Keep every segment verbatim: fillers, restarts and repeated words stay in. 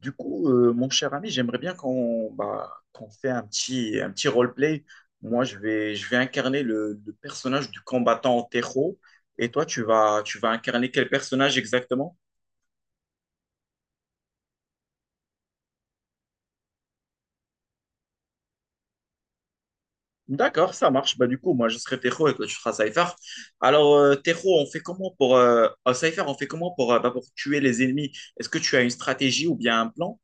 Du coup, euh, mon cher ami, j'aimerais bien qu'on bah, qu'on fait un petit, un petit roleplay. Moi, je vais, je vais incarner le, le personnage du combattant Tero. Et toi, tu vas, tu vas incarner quel personnage exactement? D'accord, ça marche. Bah, du coup, moi, je serai Tero et toi, tu seras Cypher. Alors, euh, Tero, on fait comment pour... euh, euh, Cypher, on fait comment pour, euh, bah, pour tuer les ennemis? Est-ce que tu as une stratégie ou bien un plan?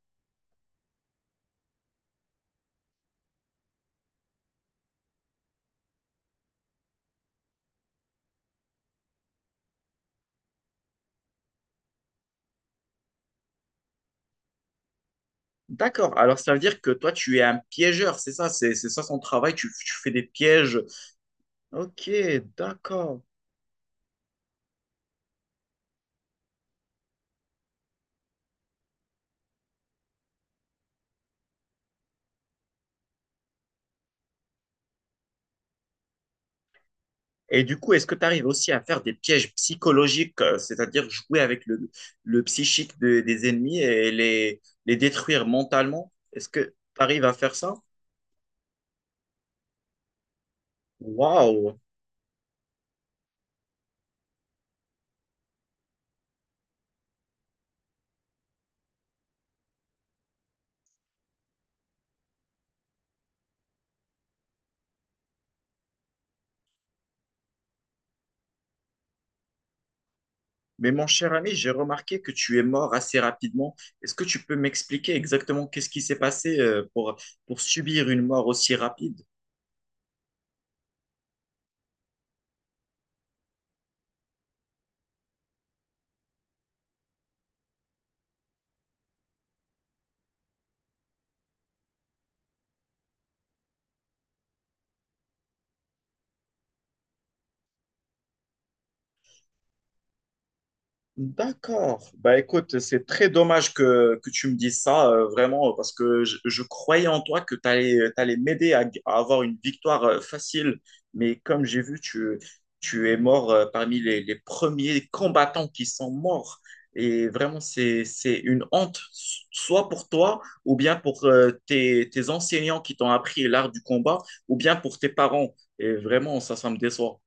D'accord, alors ça veut dire que toi, tu es un piégeur, c'est ça? C'est c'est ça son travail, tu, tu fais des pièges. Ok, d'accord. Et du coup, est-ce que tu arrives aussi à faire des pièges psychologiques, euh, c'est-à-dire jouer avec le, le psychique de- des ennemis et les, les détruire mentalement? Est-ce que tu arrives à faire ça? Waouh! Mais mon cher ami, j'ai remarqué que tu es mort assez rapidement. Est-ce que tu peux m'expliquer exactement qu'est-ce qui s'est passé euh, pour, pour, subir une mort aussi rapide? D'accord. Bah écoute, c'est très dommage que, que tu me dises ça, euh, vraiment, parce que je, je croyais en toi que tu allais, m'aider à, à avoir une victoire euh, facile. Mais comme j'ai vu, tu, tu es mort euh, parmi les, les premiers combattants qui sont morts. Et vraiment, c'est, c'est une honte, soit pour toi, ou bien pour euh, tes, tes enseignants qui t'ont appris l'art du combat, ou bien pour tes parents. Et vraiment, ça, ça me déçoit.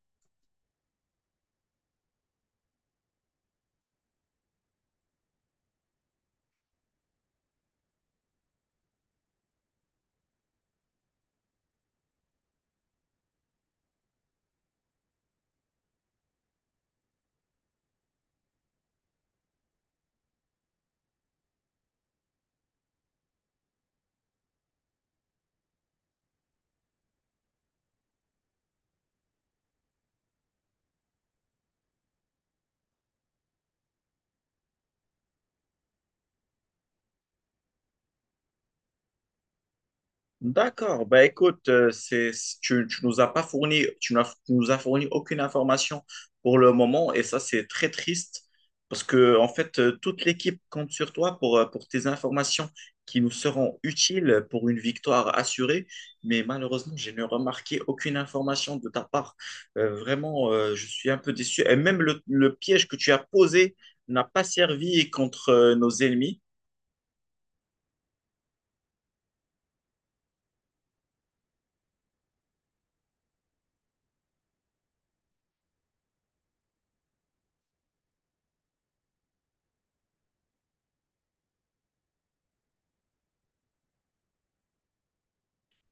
D'accord. Ben écoute, euh, c'est, tu, tu nous as pas fourni, tu n'as- tu nous as fourni aucune information pour le moment et ça c'est très triste parce que en fait euh, toute l'équipe compte sur toi pour, euh, pour tes informations qui nous seront utiles pour une victoire assurée. Mais malheureusement, je n'ai remarqué aucune information de ta part. Euh, vraiment, euh, je suis un peu déçu. Et même le, le piège que tu as posé n'a pas servi contre euh, nos ennemis.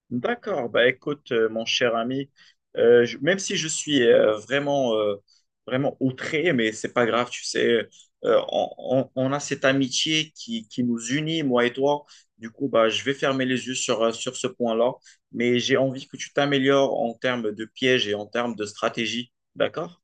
D'accord, bah écoute, euh, mon cher ami, euh, je- même si je suis euh, vraiment, euh, vraiment outré, mais c'est pas grave, tu sais, euh, on, on- on a cette amitié qui, qui nous unit, moi et toi. Du coup, bah, je vais fermer les yeux sur, euh, sur ce point-là, mais j'ai envie que tu t'améliores en termes de pièges et en termes de stratégie, d'accord?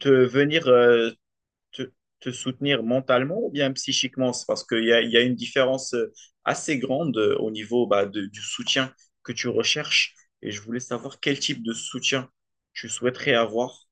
De venir euh, te, te soutenir mentalement ou bien psychiquement? C'est parce qu'il y a, il y a une différence euh, assez grande euh, au niveau bah, de- du soutien que tu recherches. Et je voulais savoir quel type de soutien tu souhaiterais avoir.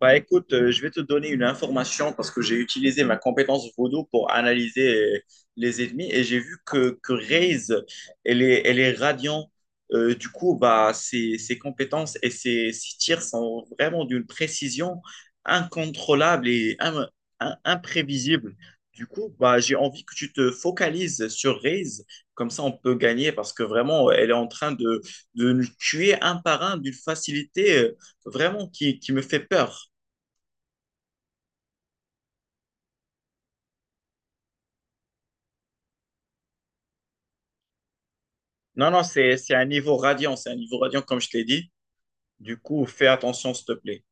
Bah écoute, euh, je vais te donner une information parce que j'ai utilisé ma compétence Voodoo pour analyser euh, les ennemis et j'ai vu que, que Raze, elle est, elle est radiant. Euh, du coup, bah, ses, ses compétences et ses, ses tirs sont vraiment d'une précision incontrôlable et im- im- imprévisible. Du coup, bah, j'ai envie que tu te focalises sur Raze, comme ça on peut gagner parce que vraiment, elle est en train de, de nous tuer un par un d'une facilité euh, vraiment qui, qui me fait peur. Non, non, c'est, c'est un niveau radiant, c'est un niveau radiant comme je t'ai dit. Du coup, fais attention, s'il te plaît.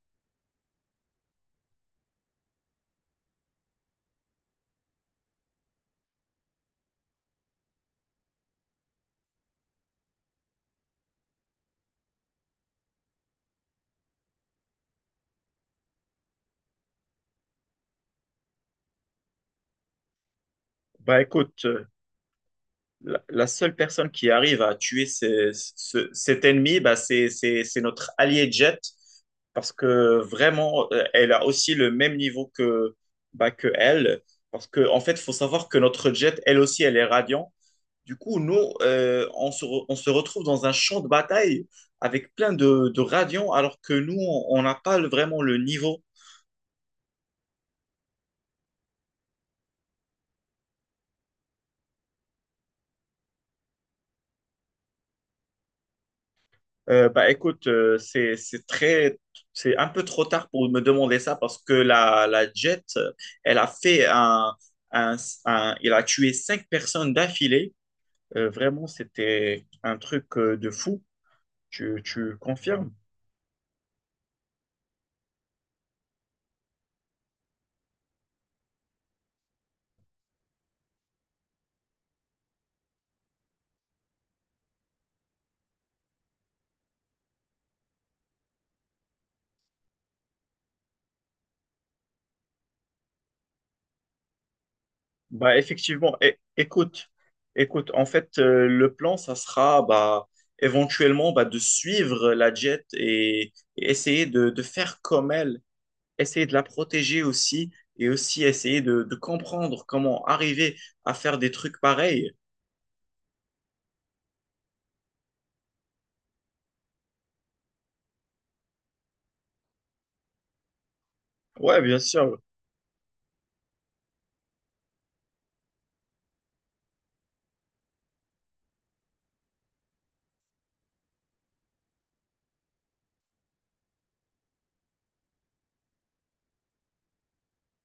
Bah écoute, euh, la, la seule personne qui arrive à tuer ce- ce- cet ennemi, bah, c'est, c'est, c'est notre allié Jet, parce que vraiment, euh, elle a aussi le même niveau que, bah, que elle. Parce que, en fait, il faut savoir que notre Jet, elle aussi, elle est radiant. Du coup, nous, euh, on se, re- on se retrouve dans un champ de bataille avec plein de, de radiants, alors que nous, on on n'a pas le- vraiment le niveau. Euh, bah écoute, euh, c'est c'est très c'est un peu trop tard pour me demander ça parce que la la Jet, euh, elle a fait un un, un- il a tué cinq personnes d'affilée. Euh, vraiment, c'était un truc euh, de fou. Tu tu confirmes? Bah effectivement. É- écoute, écoute. En fait, euh, le plan, ça sera bah éventuellement bah, de suivre la Jet et, et essayer de de faire comme elle. Essayer de la protéger aussi et aussi essayer de, de comprendre comment arriver à faire des trucs pareils. Ouais, bien sûr.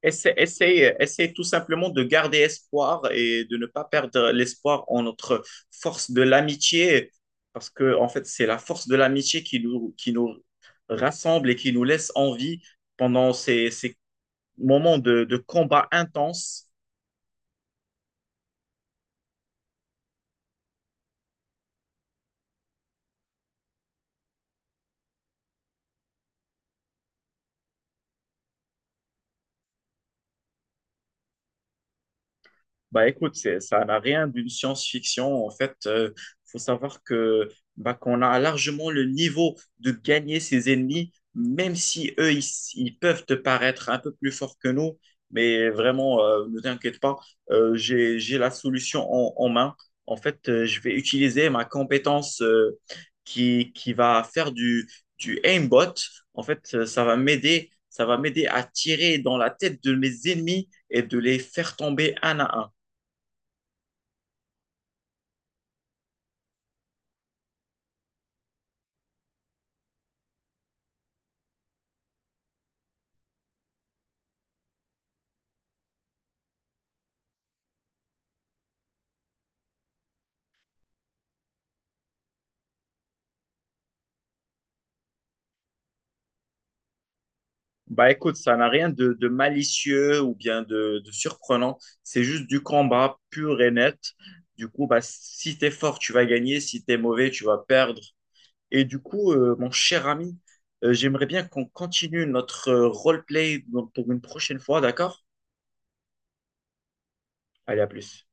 Essaye, essaye, essaye tout simplement de garder espoir et de ne pas perdre l'espoir en notre force de l'amitié, parce que en fait, c'est la force de l'amitié qui nous, qui nous rassemble et qui nous laisse en vie pendant ces, ces moments de, de combat intense. Bah écoute, c'est, ça n'a rien d'une science-fiction. En fait, euh, faut savoir que bah, qu'on a largement le niveau de gagner ses ennemis, même si eux, ils, ils peuvent te paraître un peu plus forts que nous. Mais vraiment, euh, ne t'inquiète pas, euh, j'ai, j'ai la solution en, en main. En fait, euh, je vais utiliser ma compétence euh, qui, qui va faire du, du aimbot. En fait, euh, ça va m'aider, ça va m'aider à tirer dans la tête de mes ennemis et de les faire tomber un à un. Bah écoute, ça n'a rien de, de malicieux ou bien de, de surprenant. C'est juste du combat pur et net. Du coup, bah, si t'es fort, tu vas gagner. Si t'es mauvais, tu vas perdre. Et du coup, euh, mon cher ami, euh, j'aimerais bien qu'on continue notre euh, roleplay pour une prochaine fois, d'accord? Allez, à plus.